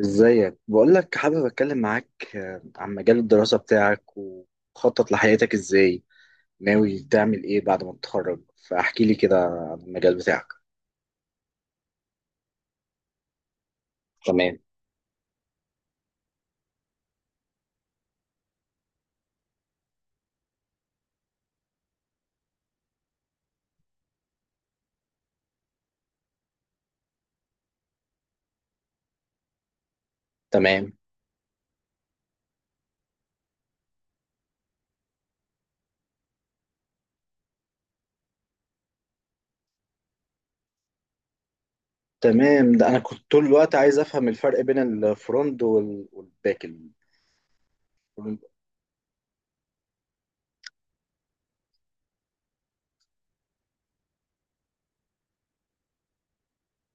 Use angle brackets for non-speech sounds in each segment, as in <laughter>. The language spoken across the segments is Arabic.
ازيك؟ بقول لك حابب اتكلم معاك عن مجال الدراسة بتاعك وخطط لحياتك ازاي؟ ناوي تعمل ايه بعد ما تتخرج؟ فاحكي لي كده عن المجال بتاعك. تمام، تمام، تمام. ده انا كنت طول الوقت عايز افهم الفرق بين الفرونت والباك. الفرونت-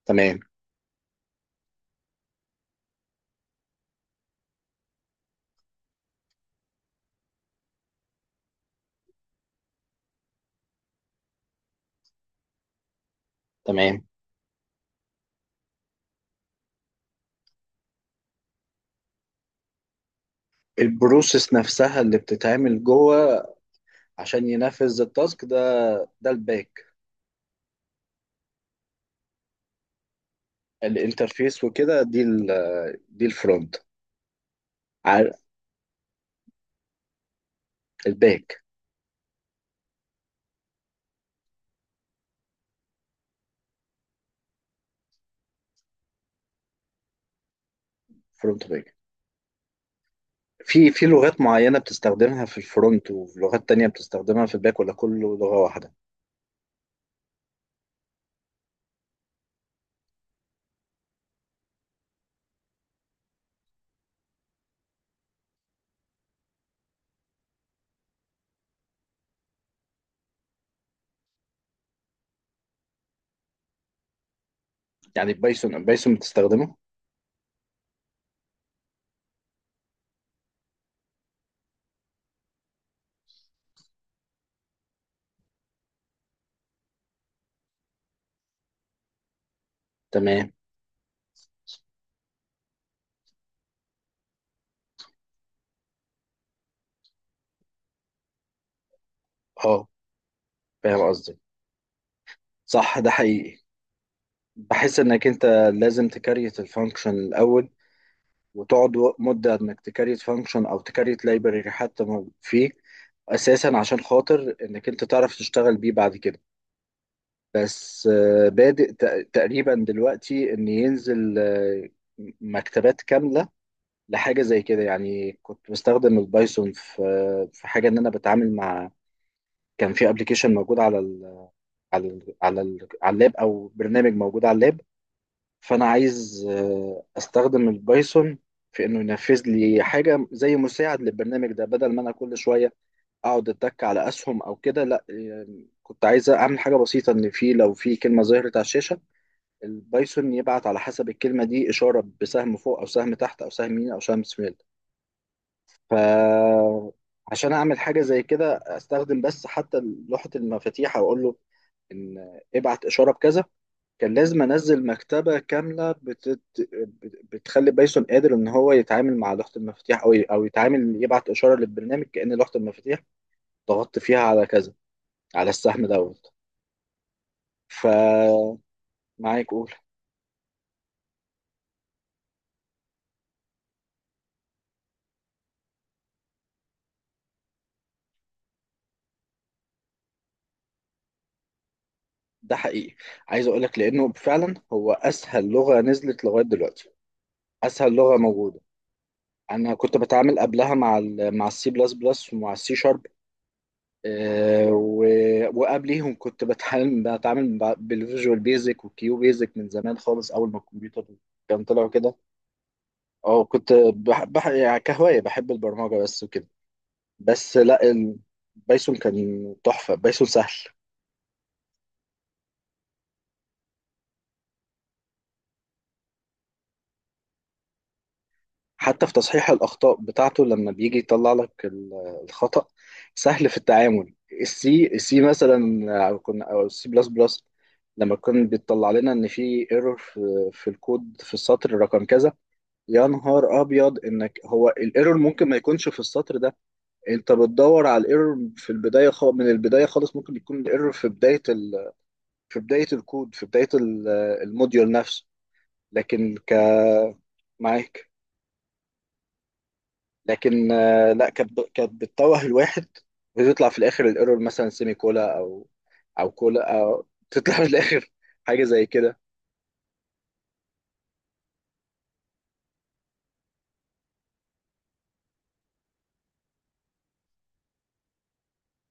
تمام، تمام. البروسيس نفسها اللي بتتعمل جوه عشان ينفذ التاسك ده، ده الباك. الانترفيس وكده دي الفرونت. عار- الباك. فرونت باك. في لغات معينة بتستخدمها في الفرونت ولغات تانية بتستخدمها في الباك ولا كله لغة واحدة؟ يعني بايثون بايثون بتستخدمه؟ تمام. اه، فاهم قصدي، صح، ده حقيقي. بحس انك انت لازم تكريت الفانكشن الاول، وتقعد مدة انك تكريت فانكشن او تكريت لايبرري حتى ما فيه اساسا عشان خاطر انك انت تعرف تشتغل بيه بعد كده. بس بادئ تقريبا دلوقتي ان ينزل مكتبات كاملة لحاجة زي كده. يعني كنت بستخدم البايثون في في حاجة ان انا بتعامل مع، كان في ابلكيشن موجود على اللاب، او برنامج موجود على اللاب. فانا عايز استخدم البايثون في انه ينفذ لي حاجة زي مساعد للبرنامج ده، بدل ما انا كل شوية اقعد اتك على اسهم او كده. لا يعني كنت عايز اعمل حاجة بسيطة، ان في، لو في كلمة ظهرت على الشاشة البايثون يبعت على حسب الكلمة دي إشارة بسهم فوق او سهم تحت او سهم يمين او سهم شمال. فعشان اعمل حاجه زي كده استخدم بس حتى لوحه المفاتيح، او اقول له ان ابعت اشاره بكذا. كان لازم انزل مكتبه كامله بتخلي بايثون قادر ان هو يتعامل مع لوحه المفاتيح، او يتعامل يبعت اشاره للبرنامج كأن لوحه المفاتيح ضغطت فيها على كذا، على السهم دوت. فمعاك. قول. ده حقيقي، عايز اقول لك لانه فعلا هو اسهل لغه نزلت لغايه دلوقتي. اسهل لغه موجوده. انا كنت بتعامل قبلها مع C++ ومع C#، وقبليهم كنت بتعامل بالفيجوال بيزك والكيو بيزك من زمان خالص، اول ما الكمبيوتر كان طلع كده. اه كنت بح بح يعني كهواية بحب البرمجة بس وكده. بس لا، البايثون كان تحفة، بايثون سهل. حتى في تصحيح الأخطاء بتاعته لما بيجي يطلع لك الخطأ، سهل في التعامل. السي مثلا، أو C++، لما كان بيطلع لنا إن في ايرور في الكود في السطر رقم كذا، يا نهار أبيض إنك هو الايرور ممكن ما يكونش في السطر ده. أنت بتدور على الايرور في البداية، من البداية خالص. ممكن يكون الايرور في بداية في بداية الكود، في بداية الموديول نفسه. لكن ك معاك. لكن لا، كانت كانت بتتوه الواحد وتطلع في الاخر الايرور مثلا سيمي كولا، او كولا، او تطلع في الاخر <laughs> حاجه زي كده.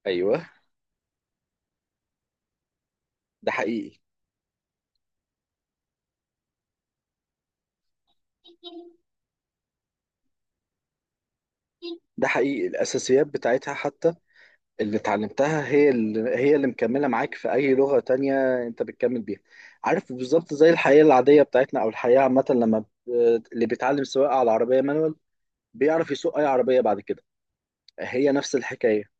ايوه. ده حقيقي، ده حقيقي الاساسيات بتاعتها حتى اللي اتعلمتها، هي اللي مكمله معاك في اي لغه تانية انت بتكمل بيها. عارف بالظبط، زي الحياه العاديه بتاعتنا او الحياه عامه، لما اللي بيتعلم سواقه على عربيه مانوال بيعرف يسوق اي عربيه بعد كده. هي نفس الحكايه.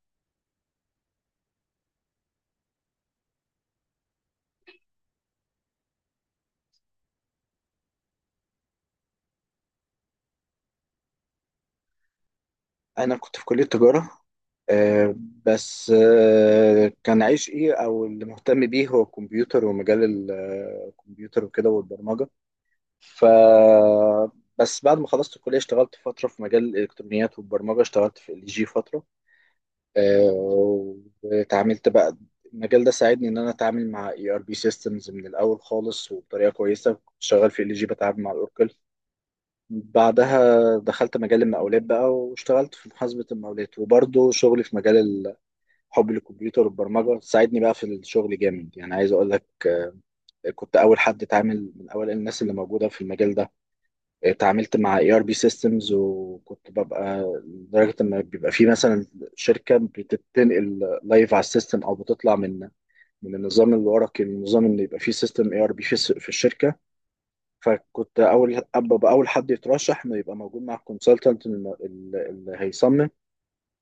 انا كنت في كليه تجاره، آه، بس كان عايش ايه او اللي مهتم بيه هو الكمبيوتر ومجال الكمبيوتر وكده والبرمجه. ف بس بعد ما خلصت الكليه اشتغلت فتره في مجال الالكترونيات والبرمجه، اشتغلت في LG فتره، آه، واتعاملت بقى. المجال ده ساعدني ان انا اتعامل مع ERP سيستمز من الاول خالص وبطريقه كويسه. كنت شغال في LG بتعامل مع الاوركل. بعدها دخلت مجال المقاولات بقى، واشتغلت في محاسبة المقاولات، وبرضه شغلي في مجال حب للكمبيوتر والبرمجة ساعدني بقى في الشغل جامد. يعني عايز أقول لك، كنت أول حد اتعامل من أوائل الناس اللي موجودة في المجال ده. اتعاملت مع ERP سيستمز، وكنت ببقى لدرجة إن بيبقى في مثلا شركة بتنقل لايف على السيستم، أو بتطلع من النظام الورقي للنظام إن يبقى فيه سيستم ERP في في الشركة. فكنت اول ابقى اول حد يترشح انه يبقى موجود مع الكونسلتنت اللي هيصمم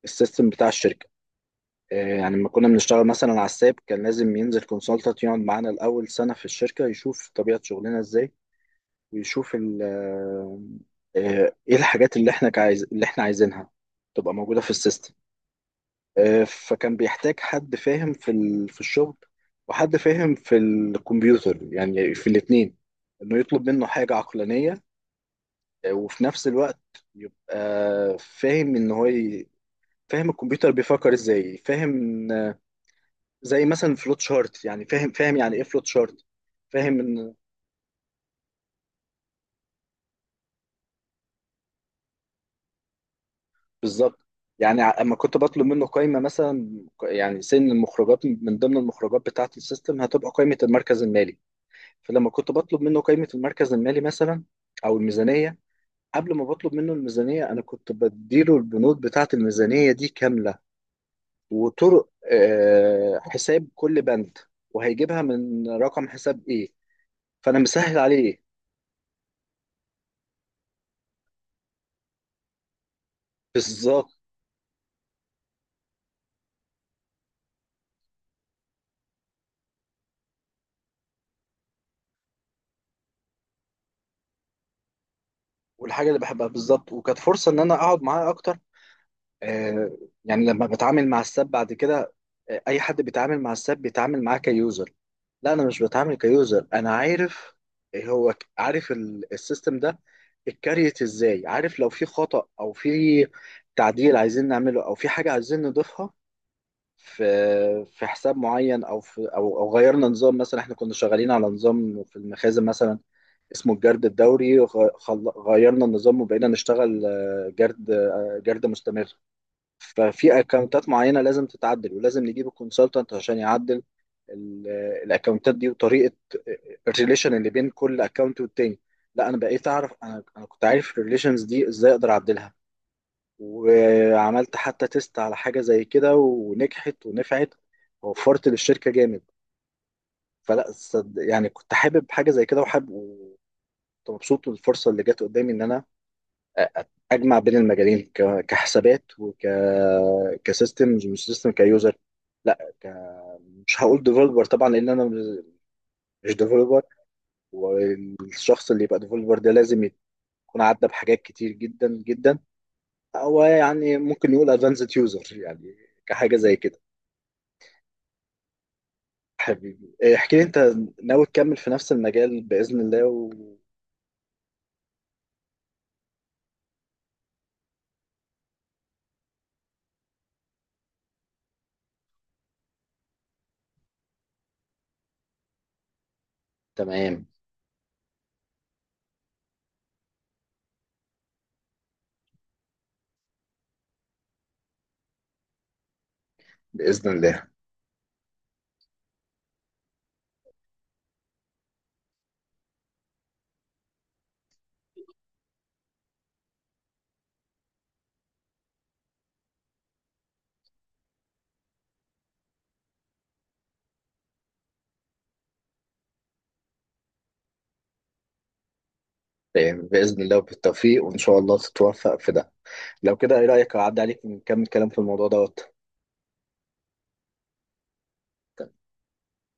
السيستم بتاع الشركه. يعني لما كنا بنشتغل مثلا على الساب كان لازم ينزل كونسلتنت يقعد معانا الاول سنه في الشركه يشوف طبيعه شغلنا ازاي، ويشوف ايه الحاجات اللي احنا عايزينها تبقى موجوده في السيستم. فكان بيحتاج حد فاهم في الشغل وحد فاهم في الكمبيوتر، يعني في الاثنين، انه يطلب منه حاجه عقلانيه، وفي نفس الوقت يبقى فاهم ان فاهم الكمبيوتر بيفكر ازاي. فاهم، زي مثلا فلوت شارت، يعني فاهم فاهم يعني ايه فلوت شارت، فاهم ان، بالظبط. يعني اما كنت بطلب منه قائمه مثلا، يعني سن المخرجات، من ضمن المخرجات بتاعه السيستم هتبقى قائمه المركز المالي. فلما كنت بطلب منه قائمه المركز المالي مثلا او الميزانيه، قبل ما بطلب منه الميزانيه انا كنت بديله البنود بتاعه الميزانيه دي كامله، وطرق حساب كل بند وهيجيبها من رقم حساب ايه. فانا مسهل عليه، بالظبط. والحاجه اللي بحبها بالظبط، وكانت فرصه ان انا اقعد معاه اكتر. آه، يعني لما بتعامل مع الساب بعد كده، اي حد بيتعامل مع الساب بيتعامل معاه كيوزر، لا انا مش بتعامل كيوزر، انا عارف. هو عارف السيستم ده اتكريت ازاي، عارف لو في خطأ او في تعديل عايزين نعمله، او في حاجه عايزين نضيفها في حساب معين، او في او او غيرنا نظام مثلا. احنا كنا شغالين على نظام في المخازن مثلا اسمه الجرد الدوري، غيرنا النظام وبقينا نشتغل جرد مستمر. ففي اكونتات معينه لازم تتعدل، ولازم نجيب الكونسلتنت عشان يعدل الاكونتات دي وطريقه الريليشن اللي بين كل اكونت والتاني. لا انا بقيت اعرف، انا كنت عارف الريليشنز دي ازاي اقدر اعدلها، وعملت حتى تيست على حاجة زي كده ونجحت ونفعت، ووفرت للشركة جامد. يعني كنت حابب حاجة زي كده، وحابب وكنت مبسوط بالفرصة اللي جت قدامي إن أنا أ- أ- أجمع بين المجالين، كحسابات كسيستم، مش سيستم كيوزر، لا مش هقول ديفلوبر طبعا، لأن أنا مش ديفلوبر. والشخص اللي يبقى ديفلوبر ده لازم يكون عدى بحاجات كتير جدا جدا. هو يعني ممكن يقول ادفانسد يوزر، يعني كحاجة زي كده. حبيبي إيه، احكي لي انت ناوي تكمل في نفس المجال بإذن الله تمام بإذن الله. تمام بإذن الله وبالتوفيق، وإن شاء الله تتوفق في ده. لو كده ايه رأيك اعدي عليك ونكمل كلام في الموضوع دوت.